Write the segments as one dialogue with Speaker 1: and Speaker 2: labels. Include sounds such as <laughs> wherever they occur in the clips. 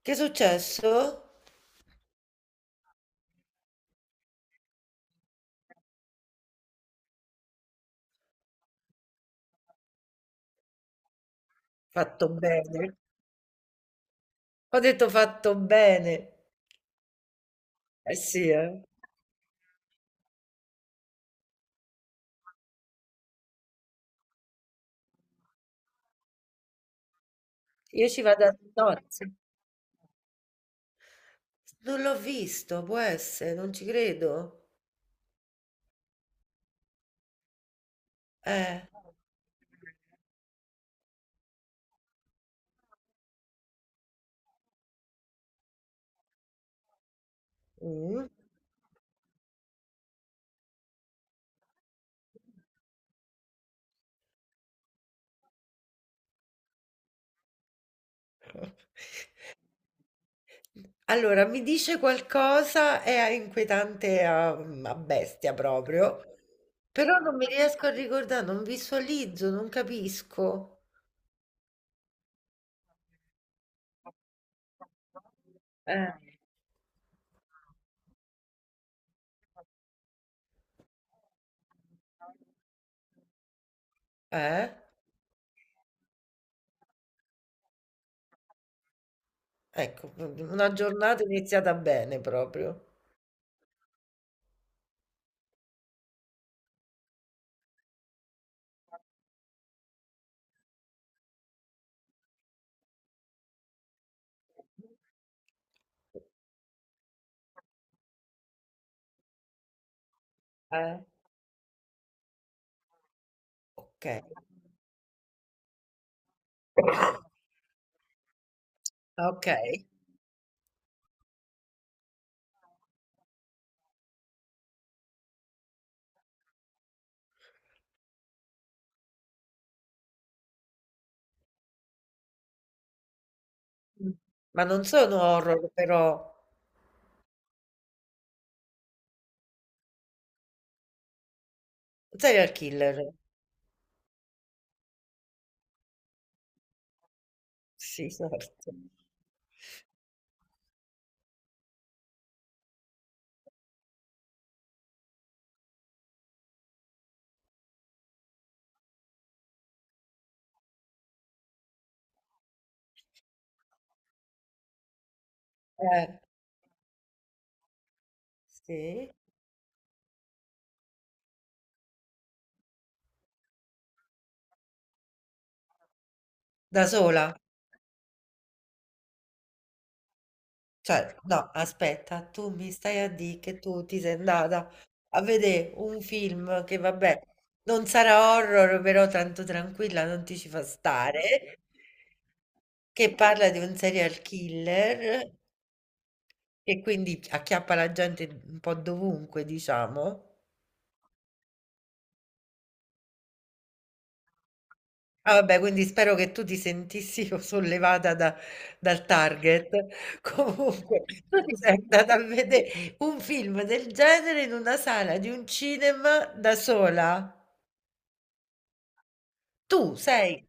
Speaker 1: Che è successo? Fatto bene. Ho detto fatto bene. Eh sì, eh. Io ci vado a nozze. Non l'ho visto, può essere, non ci credo. Eh. Mm. Allora, mi dice qualcosa, è inquietante a bestia proprio, però non mi riesco a ricordare, non visualizzo, non capisco. Eh. Eh? Ecco, u una giornata iniziata bene proprio. Eh, okay. Okay. Mh. Ma non sono horror però serial killer. Sì, certo. Eh, sì. Da sola? Cioè, no, aspetta, tu mi stai a dì che tu ti sei andata a vedè un film che vabbè, non sarà horror, però tanto tranquilla, non ti ci fa stare, che parla di un serial killer che quindi acchiappa la gente un po' dovunque, diciamo. Ah, vabbè, quindi spero che tu ti sentissi <laughs> sollevata dal target. <laughs> Comunque, tu ti sei andata a vedere un film del genere in una sala di un cinema da sola. Tu sei.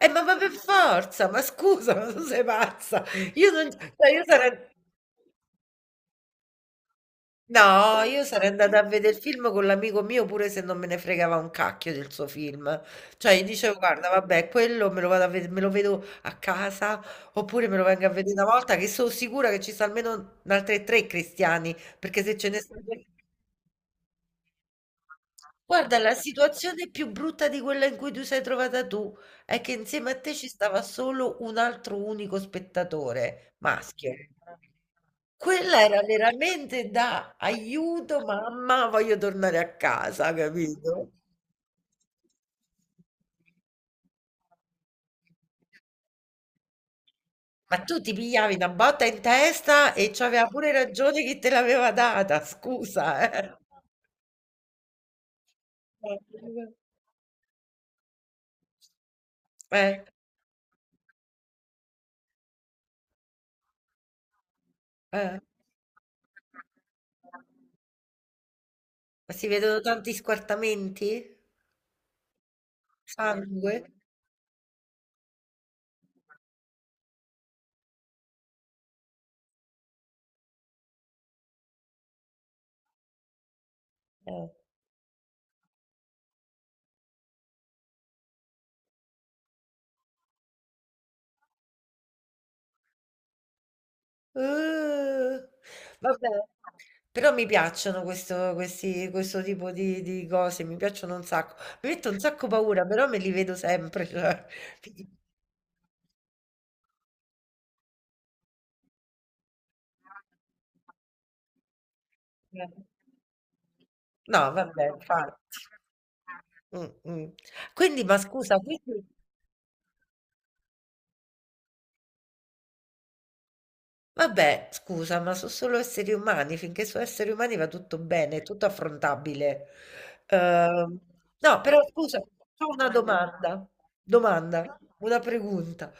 Speaker 1: Ma per forza, ma scusa, ma tu sei pazza. Io non, cioè, io sarei. No, io sarei andata a vedere il film con l'amico mio pure se non me ne fregava un cacchio del suo film. Cioè, gli dicevo, guarda, vabbè, quello me lo vedo a casa, oppure me lo vengo a vedere una volta che sono sicura che ci sono almeno altre tre cristiani, perché se ce ne sono. Guarda, la situazione più brutta di quella in cui tu sei trovata tu è che insieme a te ci stava solo un altro unico spettatore, maschio. Quella era veramente da aiuto, mamma, voglio tornare a casa, capito? Ma tu ti pigliavi una botta in testa e c'aveva pure ragione chi te l'aveva data, scusa, eh. Eh. Eh. Ma si vedono tanti squartamenti? Sangue? Eh. Uh, vabbè, però mi piacciono questo tipo di cose, mi piacciono un sacco. Mi metto un sacco paura, però me li vedo sempre. <laughs> No, vabbè, infatti. Mm, mm. Quindi, ma scusa, quindi. Vabbè, scusa, ma so' solo esseri umani, finché so' esseri umani va tutto bene, è tutto affrontabile. Uhm, no, però scusa, c'ho una domanda, domanda, una pregunta.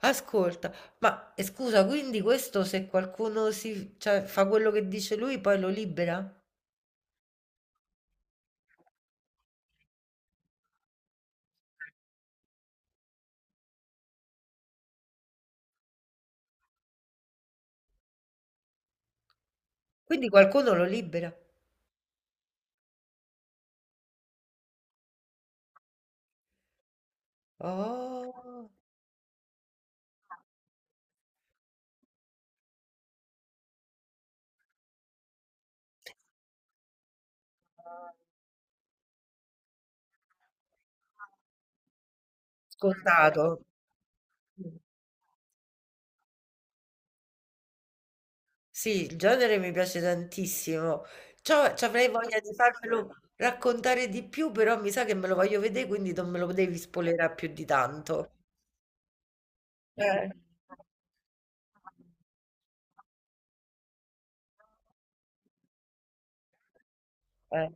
Speaker 1: Ascolta, ma e scusa, quindi questo se qualcuno si cioè fa quello che dice lui poi lo libera? Quindi qualcuno lo libera? Oh, scontato. Sì, il genere mi piace tantissimo. C'ho ci avrei voglia di farmelo raccontare di più, però mi sa che me lo voglio vedere, quindi non me lo devi spoilerare più di tanto. Eh. Eh.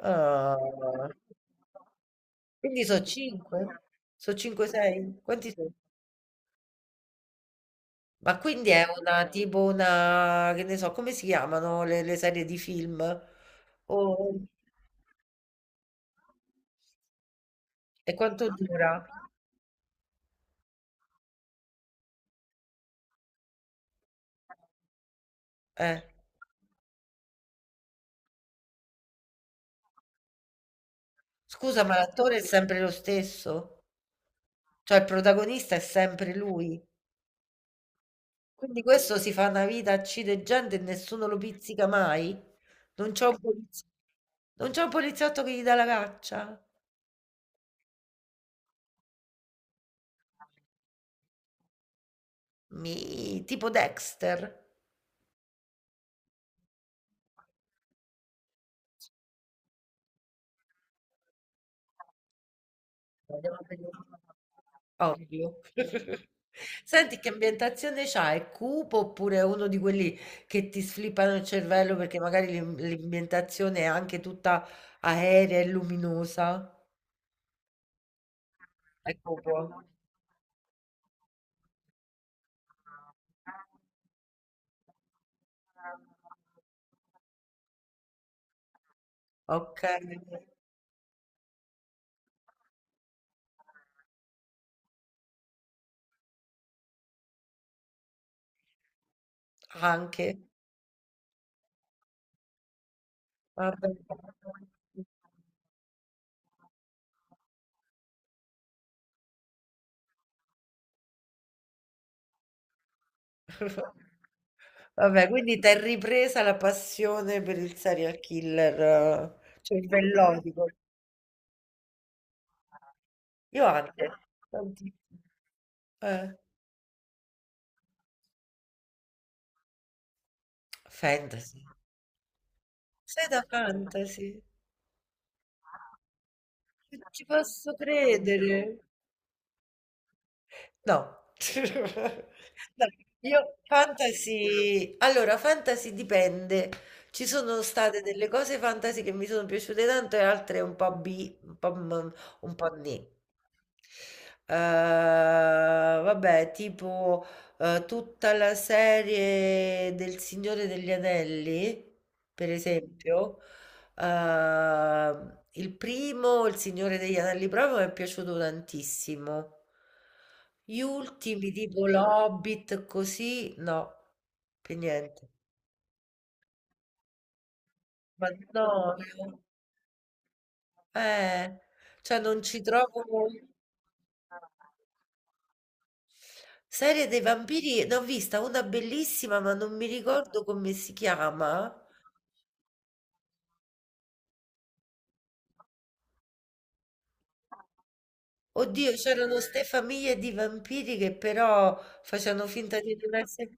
Speaker 1: Ah. Quindi sono 5? Sono 5-6? Quanti sono? Ma quindi è una tipo una, che ne so, come si chiamano le serie di film? O- E quanto dura? Eh. Scusa, ma l'attore è sempre lo stesso? Cioè il protagonista è sempre lui? Quindi questo si fa una vita, uccide gente e nessuno lo pizzica mai? Non c'è un poliziotto, non c'è un poliziotto che gli dà la caccia? Mi, tipo Dexter. Andiamo a vedere. Ovvio. <laughs> Senti, che ambientazione c'ha? È cupo oppure è uno di quelli che ti sflippano il cervello perché magari l'ambientazione è anche tutta aerea e luminosa? Ecco buono. Okay, anche. Vabbè. <laughs> Vabbè, quindi t'è ripresa la passione per il serial killer cervellotico. Io anche, tantissimo. Eh, fantasy. Sei da fantasy? Non ci posso credere. No. <laughs> No, io fantasy, allora fantasy dipende. Ci sono state delle cose fantasy che mi sono piaciute tanto e altre un po' B, un po', un po' nì. Eh, vabbè, tipo tutta la serie del Signore degli Anelli, per esempio. Il primo, Il Signore degli Anelli proprio mi è piaciuto tantissimo. Gli ultimi, tipo l'Hobbit, così, no, per niente. Ma no, eh, cioè non ci trovo. Serie dei vampiri, ne ho vista una bellissima, ma non mi ricordo come si chiama. Oddio, c'erano ste famiglie di vampiri che però facevano finta di non essere.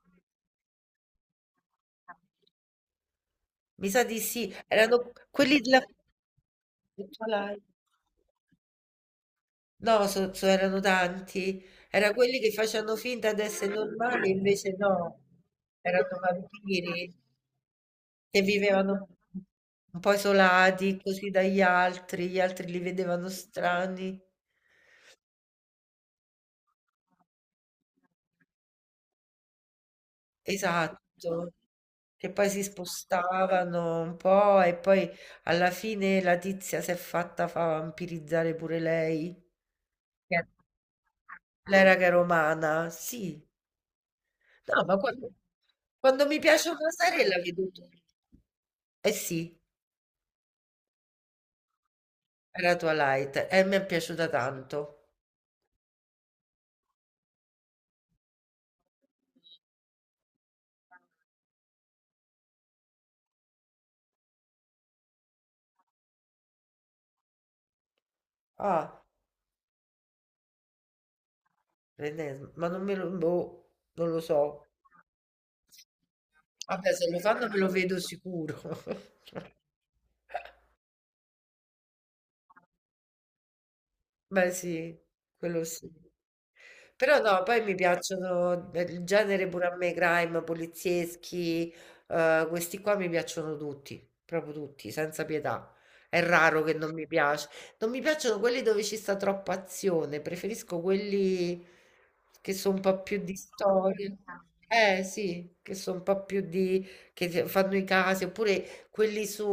Speaker 1: Mi sa di sì, erano quelli della. Live. No, erano tanti. Era quelli che facevano finta di essere normali, invece no, erano vampiri che vivevano un po' isolati così dagli altri, gli altri li vedevano strani. Esatto. Che poi si spostavano un po' e poi alla fine la tizia si è fatta fa vampirizzare pure lei. Che Le raghe romana, sì. No, ma quando mi piace una serie la vedo tutta. Eh sì, era Twilight e mi è piaciuta tanto. Ah, l'ennesima, ma non me lo, boh, non lo so. Vabbè, se lo fanno me lo vedo sicuro. <laughs> Beh sì, quello sì. Però no, poi mi piacciono il genere pure a me, crime, polizieschi, questi qua mi piacciono tutti, proprio tutti, senza pietà. È raro che non mi piace. Non mi piacciono quelli dove ci sta troppa azione, preferisco quelli che sono un po' più di storia. Eh sì, che sono un po' più di, che fanno i casi, oppure quelli su,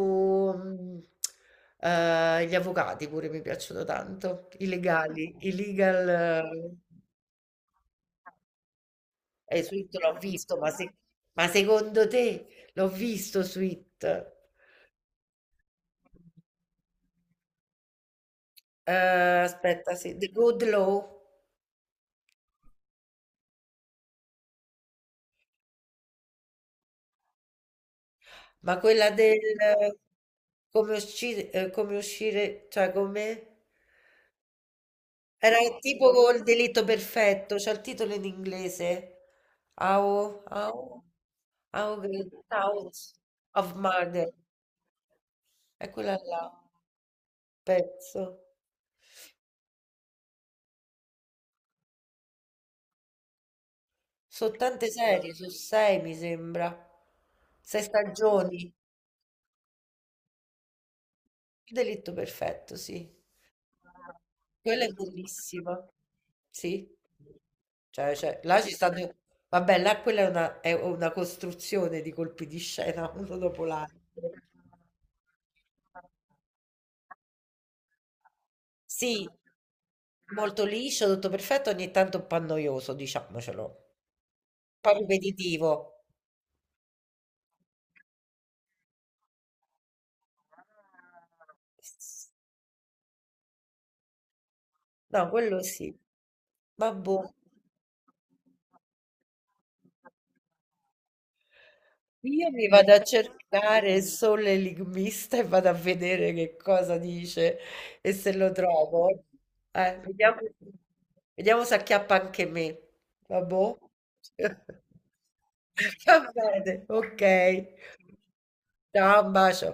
Speaker 1: mm, gli avvocati pure mi piacciono tanto, i legali, i legal. Sweet l'ho visto, ma se ma secondo te l'ho visto Sweet? Aspetta, sì, The Good Law, ma quella del come uscire, cioè come era tipo col delitto perfetto, c'è il titolo in inglese. How, how, how great House of Murder. È quella là, penso. Sono tante serie, sono sei mi sembra. Sei stagioni. Il delitto perfetto, sì. Quella è bellissima. Sì. Cioè, là ci stanno. Vabbè, là quella è una, costruzione di colpi di scena, <laughs> uno dopo l'altro. Sì, molto liscio, tutto perfetto, ogni tanto un po' noioso, diciamocelo. Un po' ripetitivo. No, quello sì. Ma boh. Io mi vado a cercare il sole enigmista e vado a vedere che cosa dice e se lo trovo. Eh, vediamo, vediamo se acchiappa anche me. Vabbè. <laughs> Va bene, ok. Ciao, un bacio.